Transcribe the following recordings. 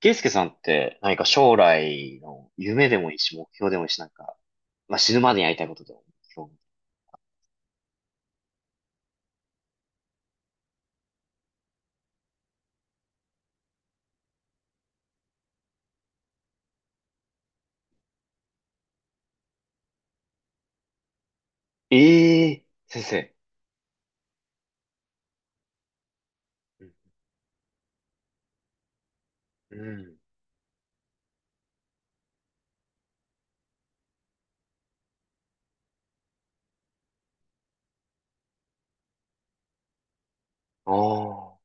ケイスケさんって何か将来の夢でもいいし、目標でもいいし、死ぬまでにやりたいことでも目標。ええー先生。うん。うんああ。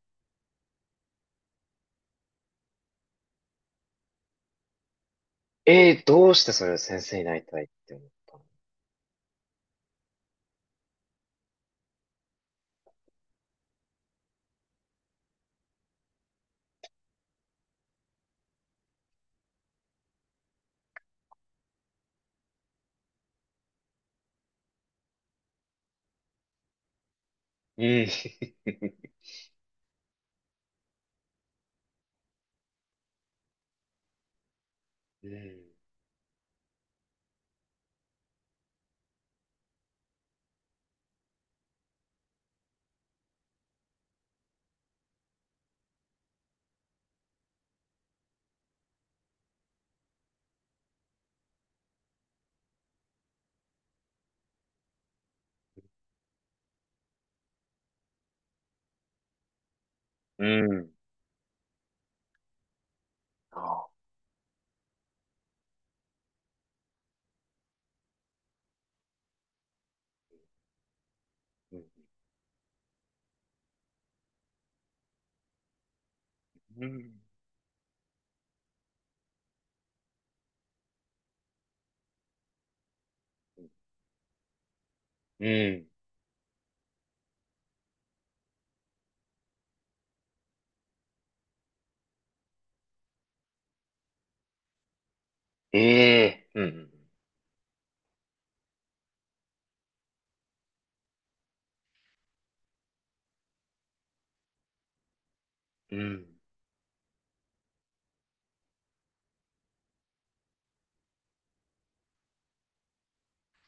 ええー、どうしてそれを先生になりたいって思ったの？うん。うん。うん。ああ。うん。うん。うんええーうん。うん。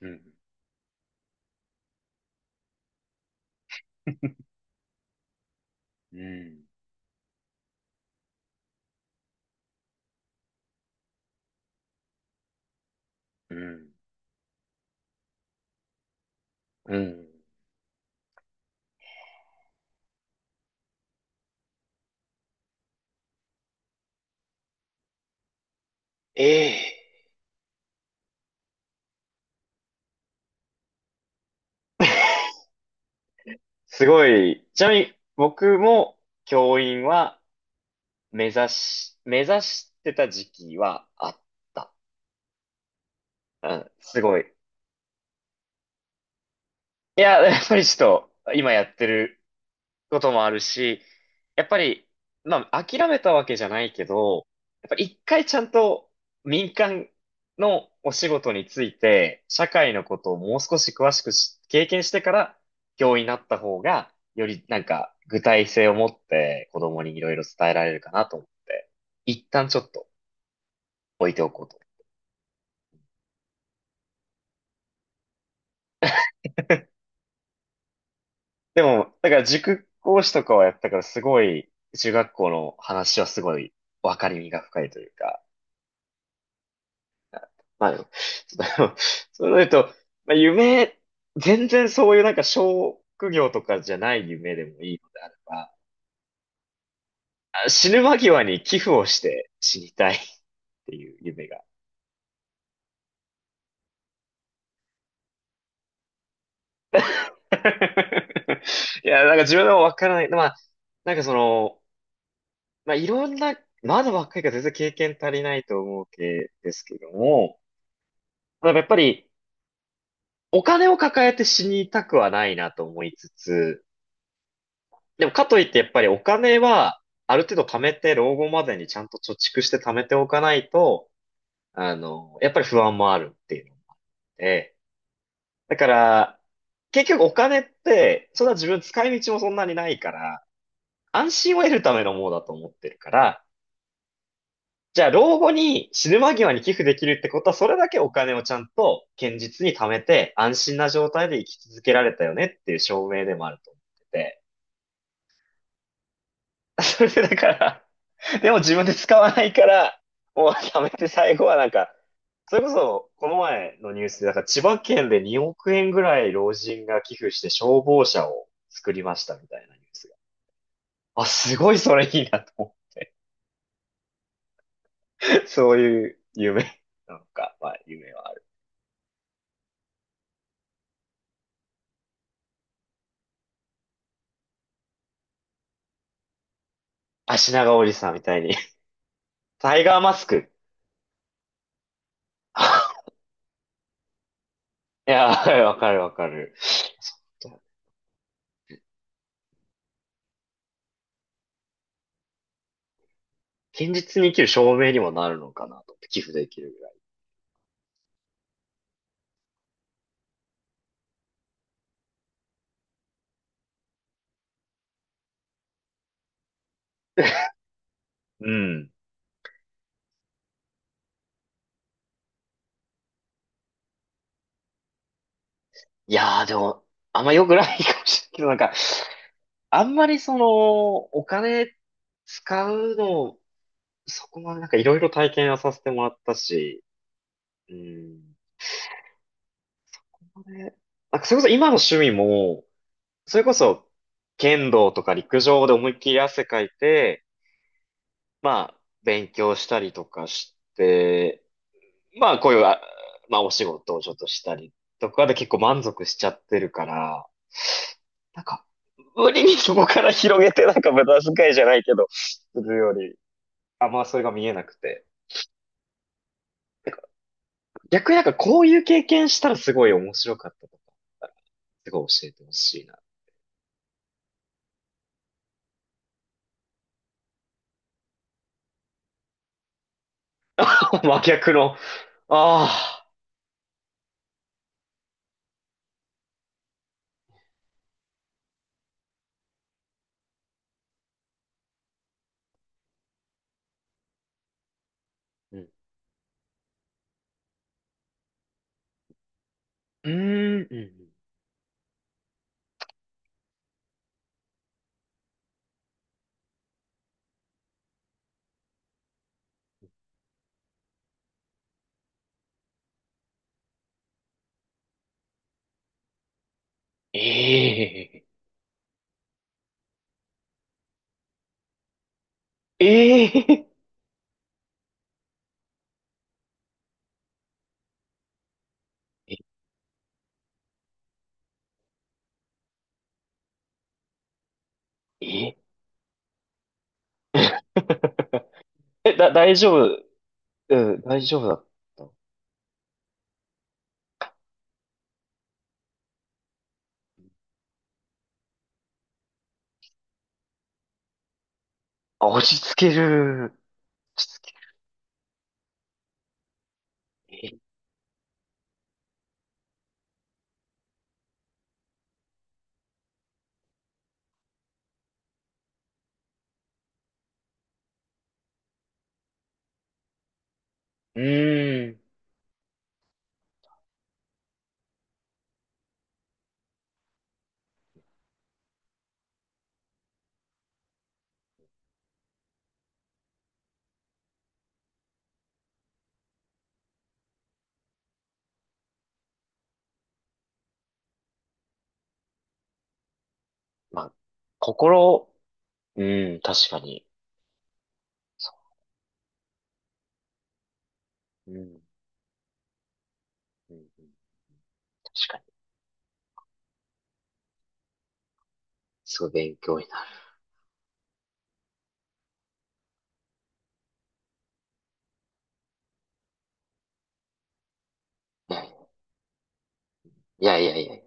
うん。うん。うん。うん。ええー、すごい。ちなみに、僕も教員は、目指してた時期はあった。うん、すごい。いや、やっぱりちょっと、今やってることもあるし、やっぱり、まあ、諦めたわけじゃないけど、やっぱ一回ちゃんと民間のお仕事について、社会のことをもう少し詳しくし経験してから、教員になった方が、よりなんか具体性を持って子供にいろいろ伝えられるかなと思って、一旦ちょっと置いておこうと。でも、だから塾講師とかはやったからすごい、中学校の話はすごい分かりみが深いというか、まあでも、ちょっとそういうの言うと、まあ夢、全然そういうなんか職業とかじゃない夢でもいいのであれば、あ、死ぬ間際に寄付をして死にたいっていう夢が。いや、なんか自分でも分からない。まあ、なんかその、まあいろんな、まだ若いから全然経験足りないと思うけですけども、まあやっぱり、お金を抱えて死にたくはないなと思いつつ、でもかといってやっぱりお金はある程度貯めて老後までにちゃんと貯蓄して貯めておかないと、やっぱり不安もあるっていうので、だから結局お金ってそんな自分使い道もそんなにないから安心を得るためのものだと思ってるから、じゃあ老後に死ぬ間際に寄付できるってことはそれだけお金をちゃんと堅実に貯めて安心な状態で生き続けられたよねっていう証明でもあると思ってて。それでだからでも自分で使わないから、もうやめて最後はなんか、それこそ、この前のニュースで、なんか千葉県で2億円ぐらい老人が寄付して消防車を作りましたみたいなニュースが。あ、すごいそれいいなと思う。そういう夢なんか、まあ夢はある。足長おじさんみたいに。タイガーマスク。いや、わかるわかる。そう、現実に生きる証明にもなるのかなと思って寄付できるぐらい。うん。いやー、でも、あんま良くないかもしれないけど、なんか、あんまりその、お金使うの、そこまでなんかいろいろ体験はさせてもらったし、うん。これなんかそれこそ今の趣味も、それこそ、剣道とか陸上で思いっきり汗かいて、まあ、勉強したりとかして、まあ、こういう、あまあ、お仕事をちょっとしたりとかで結構満足しちゃってるから、なんか、無理にそこから広げてなんか無駄遣いじゃないけど、するより、あんまそれが見えなくて。逆になんかこういう経験したらすごい面白かったとかあったら、すごい教えてほしいな。真逆の、ああ、うん、うーん、うんええ、ええ、ええ え、だ、大丈夫、うん、大丈夫だった。あ、落ち着ける、落ち着ける。えうーん、まあ、心、うん、確かに。そううんうんうん確かに。すごい勉強になる。いやいやいやいやいや。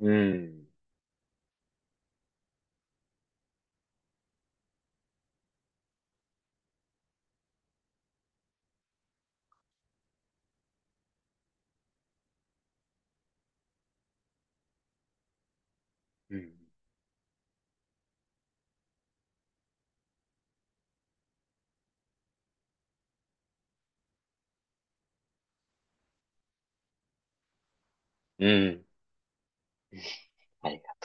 うん。うん。うん。はい。